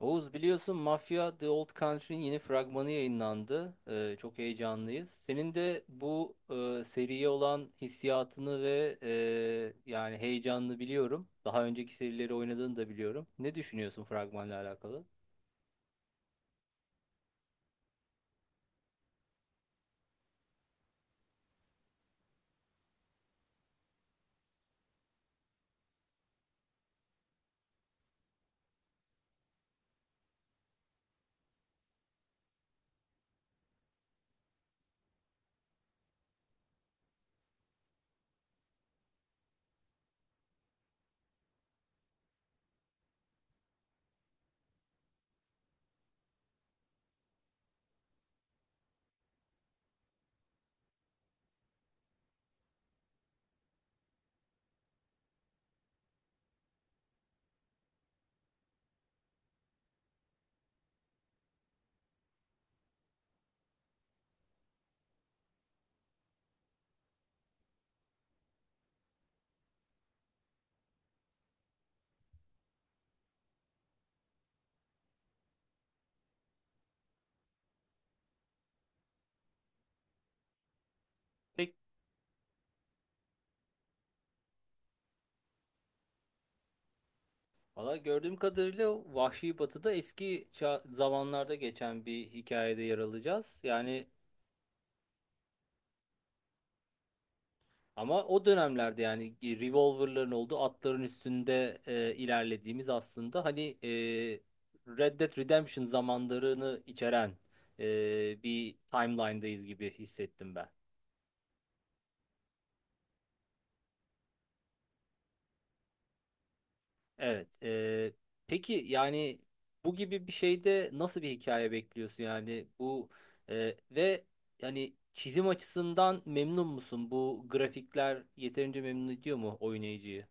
Oğuz biliyorsun Mafia The Old Country'nin yeni fragmanı yayınlandı. Çok heyecanlıyız. Senin de bu seriye olan hissiyatını ve yani heyecanını biliyorum. Daha önceki serileri oynadığını da biliyorum. Ne düşünüyorsun fragmanla alakalı? Pek Valla gördüğüm kadarıyla Vahşi Batı'da eski zamanlarda geçen bir hikayede yer alacağız. Yani ama o dönemlerde yani revolverların olduğu, atların üstünde ilerlediğimiz, aslında hani Red Dead Redemption zamanlarını içeren bir timeline'dayız gibi hissettim ben. Evet. Peki yani bu gibi bir şeyde nasıl bir hikaye bekliyorsun, yani bu ve yani çizim açısından memnun musun? Bu grafikler yeterince memnun ediyor mu oynayıcıyı?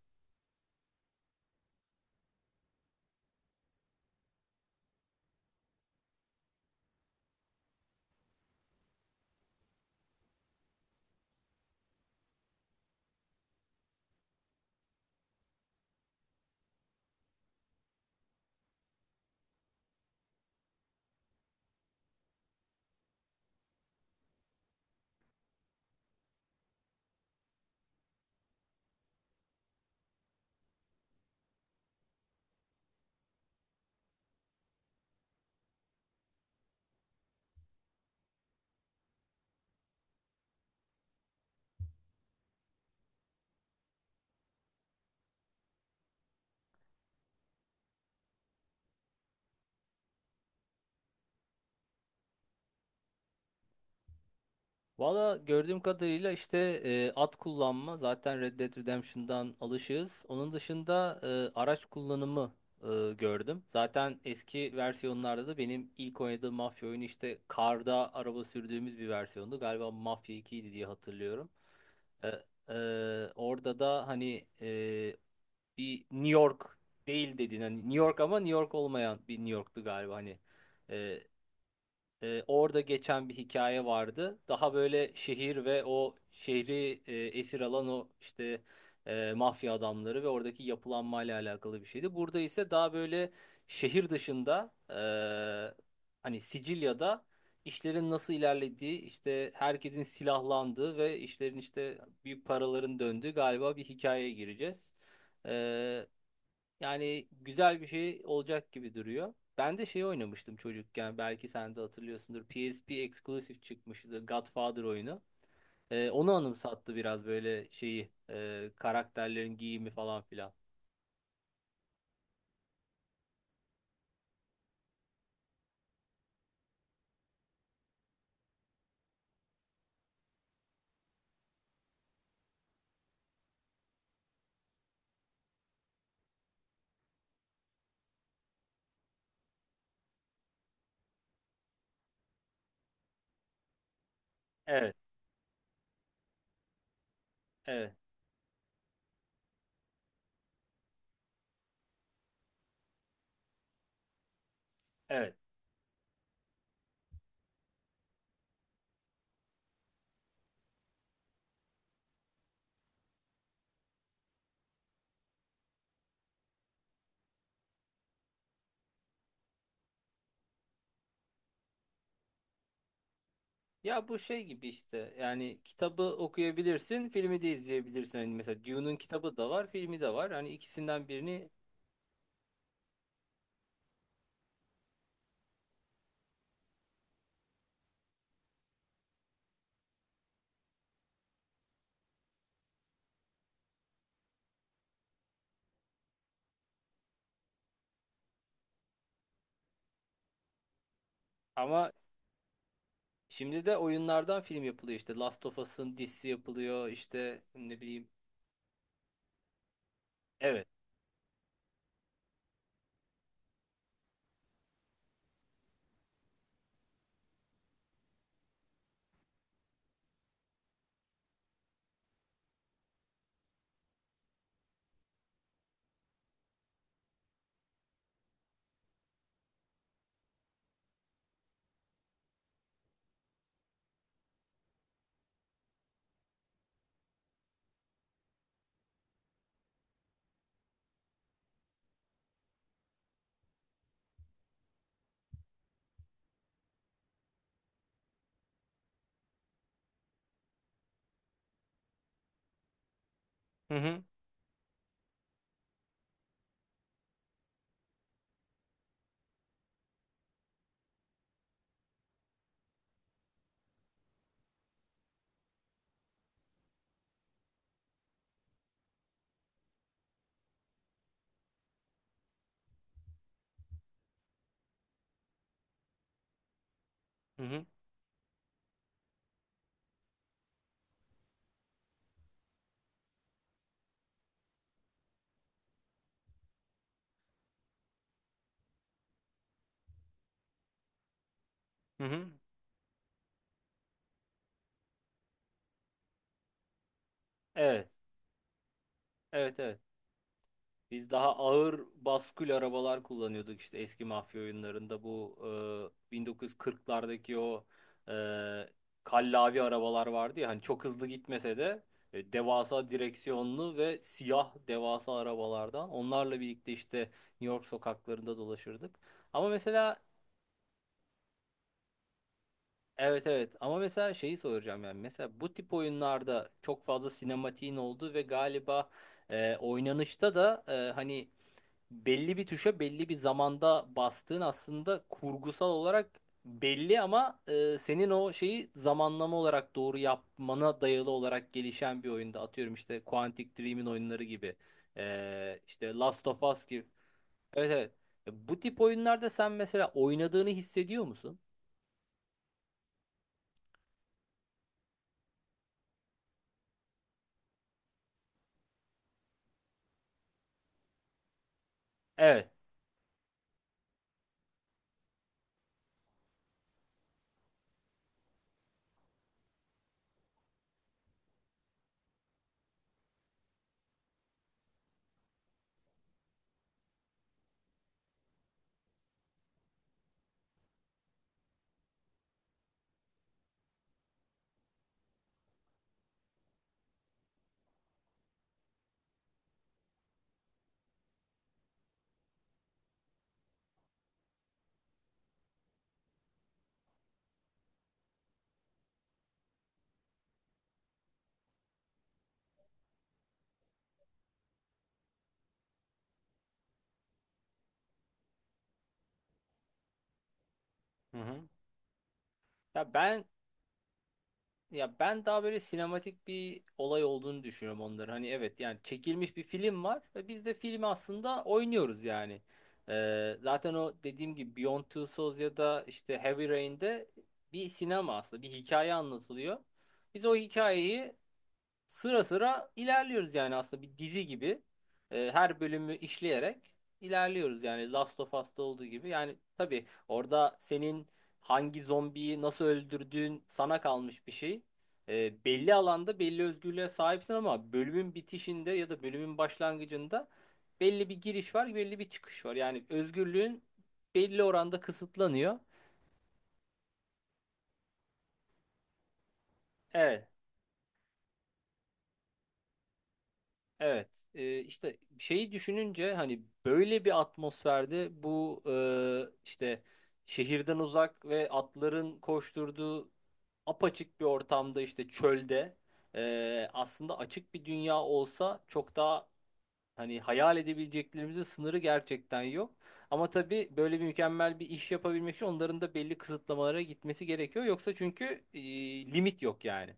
Valla gördüğüm kadarıyla işte at kullanma zaten Red Dead Redemption'dan alışığız. Onun dışında araç kullanımı e, gördüm. Zaten eski versiyonlarda da benim ilk oynadığım mafya oyunu işte karda araba sürdüğümüz bir versiyondu. Galiba Mafya 2'ydi diye hatırlıyorum. E, Orada da hani bir New York değil dedin. Hani New York ama New York olmayan bir New York'tu galiba, hani. E, Orada geçen bir hikaye vardı. Daha böyle şehir ve o şehri esir alan o işte mafya adamları ve oradaki yapılanmayla alakalı bir şeydi. Burada ise daha böyle şehir dışında hani Sicilya'da işlerin nasıl ilerlediği, işte herkesin silahlandığı ve işlerin işte büyük paraların döndüğü galiba bir hikayeye gireceğiz. E, Yani güzel bir şey olacak gibi duruyor. Ben de şey oynamıştım çocukken. Belki sen de hatırlıyorsundur. PSP Exclusive çıkmıştı. Godfather oyunu. Onu anımsattı biraz böyle şeyi. Karakterlerin giyimi falan filan. Evet. Evet. Evet. Ya bu şey gibi işte. Yani kitabı okuyabilirsin. Filmi de izleyebilirsin. Hani mesela Dune'un kitabı da var. Filmi de var. Hani ikisinden birini ama şimdi de oyunlardan film yapılıyor, işte. Last of Us'ın dizisi yapılıyor. İşte ne bileyim. Evet. Hı hı. Hı hı. Hı hı. Evet. Evet, evet. Biz daha ağır baskül arabalar kullanıyorduk işte eski mafya oyunlarında, bu 1940'lardaki o e, kallavi arabalar vardı ya, hani çok hızlı gitmese de devasa direksiyonlu ve siyah devasa arabalardan, onlarla birlikte işte New York sokaklarında dolaşırdık. Ama mesela Evet, evet, ama mesela şeyi soracağım, yani mesela bu tip oyunlarda çok fazla sinematiğin olduğu ve galiba oynanışta da hani belli bir tuşa belli bir zamanda bastığın aslında kurgusal olarak belli ama senin o şeyi zamanlama olarak doğru yapmana dayalı olarak gelişen bir oyunda, atıyorum işte Quantic Dream'in oyunları gibi, işte Last of Us gibi, evet evet, bu tip oyunlarda sen mesela oynadığını hissediyor musun? Evet. Hı hı. Ya ben Ya ben daha böyle sinematik bir olay olduğunu düşünüyorum onların. Hani evet, yani çekilmiş bir film var ve biz de filmi aslında oynuyoruz yani. Zaten o dediğim gibi Beyond Two Souls ya da işte Heavy Rain'de bir sinema, aslında bir hikaye anlatılıyor. Biz o hikayeyi sıra sıra ilerliyoruz, yani aslında bir dizi gibi. Her bölümü işleyerek ilerliyoruz, yani Last of Us'ta olduğu gibi. Yani tabii orada senin hangi zombiyi nasıl öldürdüğün sana kalmış bir şey. Belli alanda belli özgürlüğe sahipsin ama bölümün bitişinde ya da bölümün başlangıcında belli bir giriş var, belli bir çıkış var. Yani özgürlüğün belli oranda kısıtlanıyor. Evet. Evet, işte şeyi düşününce hani böyle bir atmosferde bu işte şehirden uzak ve atların koşturduğu apaçık bir ortamda, işte çölde aslında açık bir dünya olsa çok daha, hani hayal edebileceklerimizin sınırı gerçekten yok. Ama tabii böyle bir mükemmel bir iş yapabilmek için onların da belli kısıtlamalara gitmesi gerekiyor. Yoksa çünkü limit yok yani.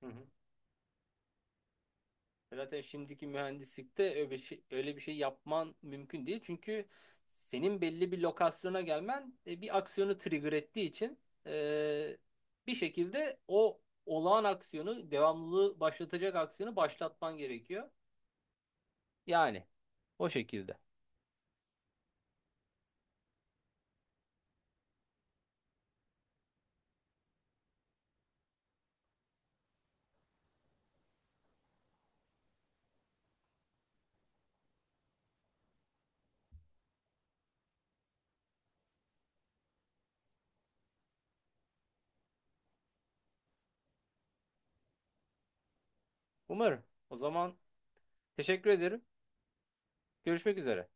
Hı hı. Zaten şimdiki mühendislikte öyle bir şey, öyle bir şey yapman mümkün değil. Çünkü senin belli bir lokasyona gelmen bir aksiyonu trigger ettiği için e, bir şekilde o olağan aksiyonu, devamlılığı başlatacak aksiyonu başlatman gerekiyor. Yani o şekilde. Umarım. O zaman teşekkür ederim. Görüşmek üzere.